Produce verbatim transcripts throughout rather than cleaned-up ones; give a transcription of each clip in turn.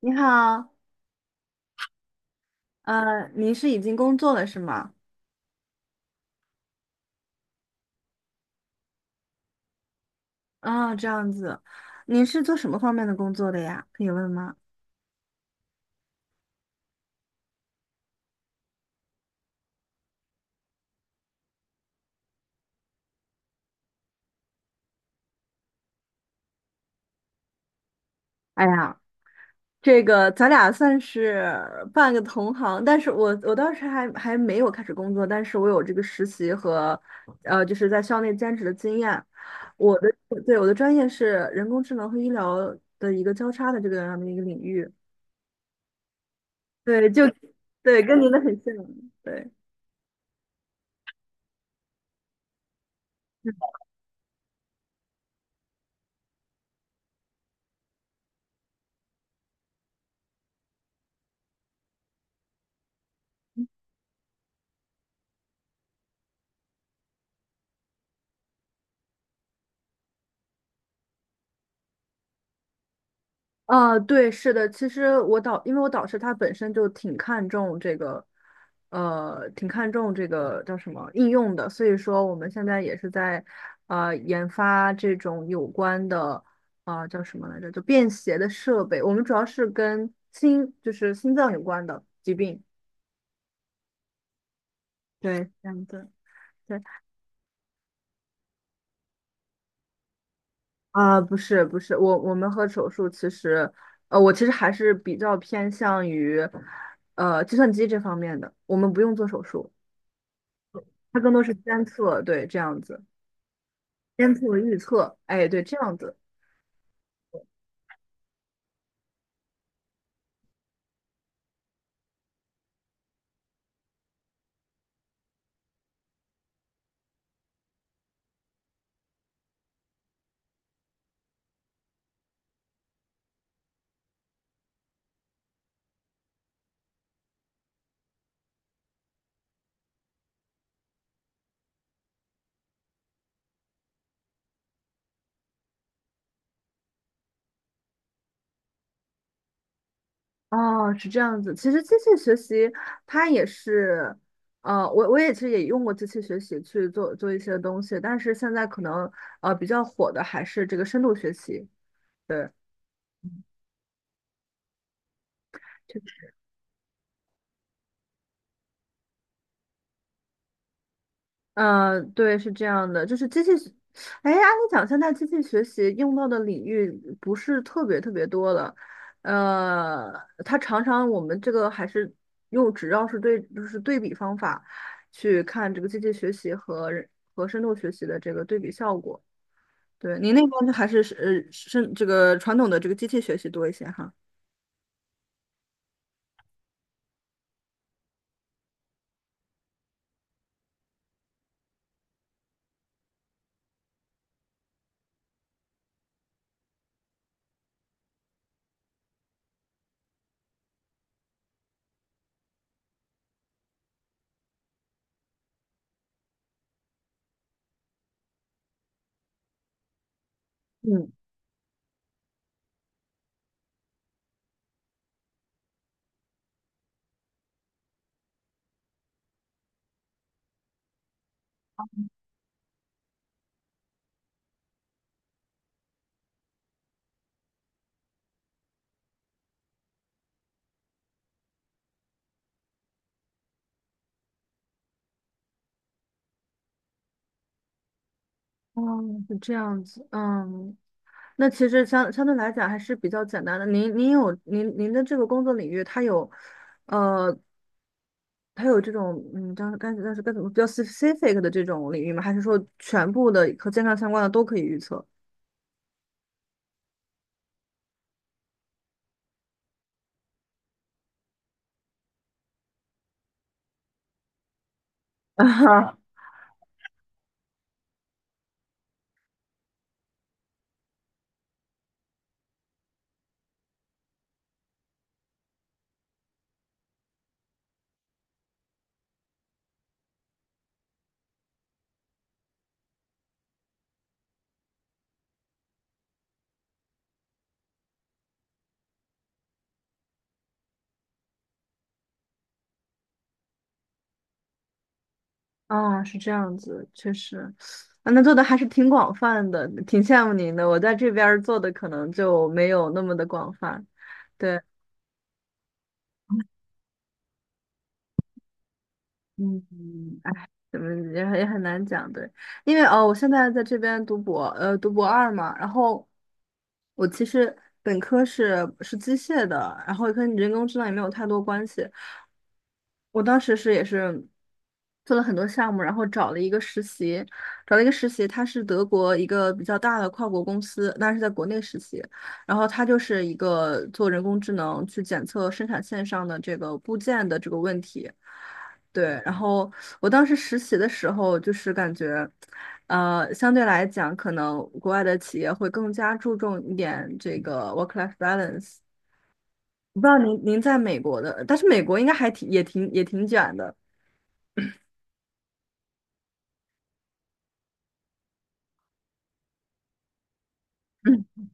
你好。呃，您是已经工作了是吗？啊，这样子。您是做什么方面的工作的呀？可以问吗？哎呀，这个咱俩算是半个同行，但是我我当时还还没有开始工作，但是我有这个实习和，呃，就是在校内兼职的经验。我的，对，我的专业是人工智能和医疗的一个交叉的这个样的一个领域，对，就，对，跟您的很像，对。啊，对，是的，其实我导，因为我导师他本身就挺看重这个，呃，挺看重这个叫什么应用的，所以说我们现在也是在，呃，研发这种有关的。啊、叫什么来着？就便携的设备。我们主要是跟心，就是心脏有关的疾病。对，这样子。对，啊、不是不是，我我们和手术其实，呃，我其实还是比较偏向于，呃，计算机这方面的，我们不用做手术。它更多是监测，对，这样子。监测预测，哎，对，这样子。哦，是这样子。其实机器学习它也是，呃，我我也其实也用过机器学习去做做一些东西，但是现在可能呃比较火的还是这个深度学习，对。嗯，呃对，是这样的，就是机器学，哎，按理讲，现在机器学习用到的领域不是特别特别多了，呃，它常常我们这个还是用只要是对，就是对比方法去看这个机器学习和人和深度学习的这个对比效果。对，您那边还是是呃深这个传统的这个机器学习多一些哈。嗯，哦，是这样子，嗯，那其实相相对来讲还是比较简单的。您您有您您的这个工作领域，它有，呃，它有这种嗯，当时该但是该怎么比较 specific 的这种领域吗？还是说全部的和健康相关的都可以预测？啊啊，是这样子，确实。啊，那做的还是挺广泛的，挺羡慕您的。我在这边儿做的可能就没有那么的广泛。对。嗯，哎，怎么也也很难讲，对，因为哦，我现在在这边读博，呃，读博二嘛，然后我其实本科是是机械的，然后跟人工智能也没有太多关系。我当时是也是做了很多项目，然后找了一个实习，找了一个实习，他是德国一个比较大的跨国公司，那是在国内实习，然后他就是一个做人工智能去检测生产线上的这个部件的这个问题。对，然后我当时实习的时候，就是感觉，呃，相对来讲，可能国外的企业会更加注重一点这个 work-life balance。我不知道您您在美国的，但是美国应该还挺也挺也挺卷的。嗯，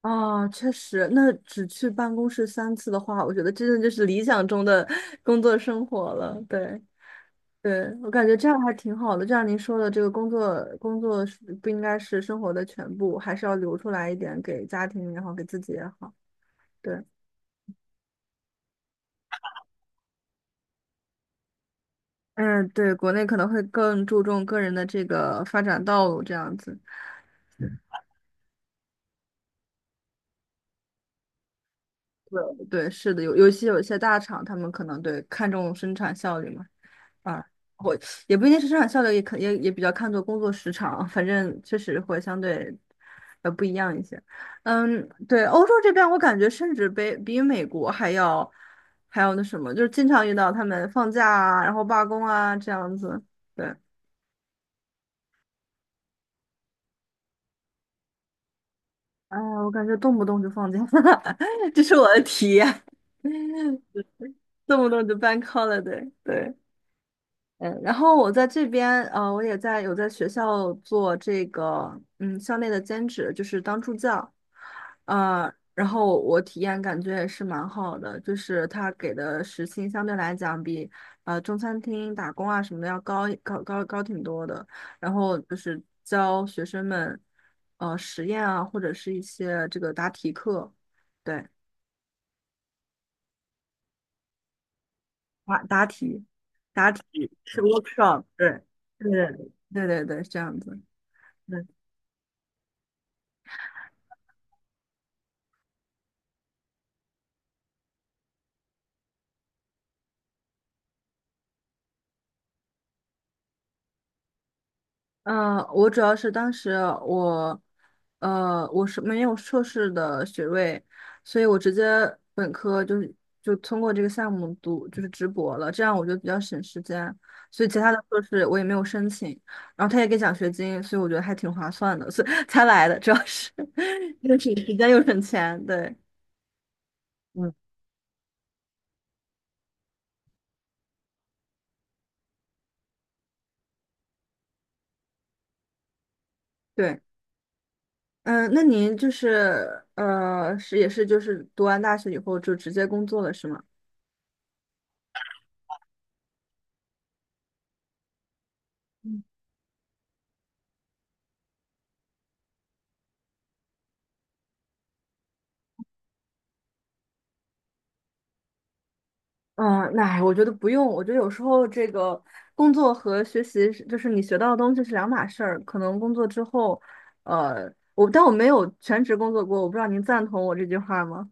啊确实，那只去办公室三次的话，我觉得真的就是理想中的工作生活了。对，对，我感觉这样还挺好的。就像您说的，这个工作工作是不应该是生活的全部，还是要留出来一点给家庭也好，给自己也好。对，嗯，对，国内可能会更注重个人的这个发展道路这样子。对，对，是的，有尤其有些大厂，他们可能对看重生产效率嘛。啊，我也不一定是生产效率，也可也也比较看重工作时长，反正确实会相对呃不一样一些。嗯，对，欧洲这边我感觉甚至比比美国还要还要那什么，就是经常遇到他们放假啊，然后罢工啊这样子。对，哎呀，我感觉动不动就放假，这是我的体验，动不动就 b a 了，对对，嗯，然后我在这边，呃，我也在有在学校做这个，嗯，校内的兼职，就是当助教，呃，然后我体验感觉也是蛮好的，就是他给的时薪相对来讲比，呃，中餐厅打工啊什么的要高高高高挺多的，然后就是教学生们，呃，实验啊，或者是一些这个答题课，对，答答题，答题是 workshop，对，对对对对对，是这样子。嗯，呃，我主要是当时我，呃，我是没有硕士的学位，所以我直接本科就是就通过这个项目读就是直博了，这样我就比较省时间，所以其他的硕士我也没有申请，然后他也给奖学金，所以我觉得还挺划算的，所以 才来的，主要是 又省时间又省钱，对 嗯，对，嗯，那您就是呃，是也是就是读完大学以后就直接工作了是吗？嗯，那哎我觉得不用。我觉得有时候这个工作和学习是，就是你学到的东西是两码事儿。可能工作之后，呃，我但我没有全职工作过，我不知道您赞同我这句话吗？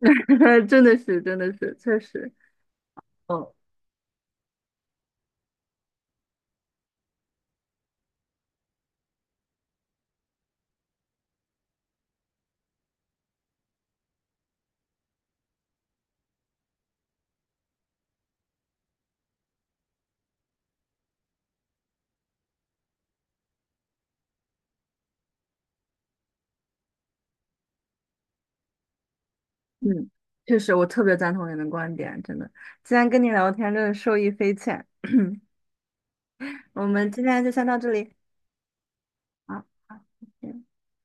真的是，真的是，确实，嗯嗯，确实，我特别赞同您的观点，真的。今天跟你聊天真的受益匪浅。我们今天就先到这里，好，好，谢谢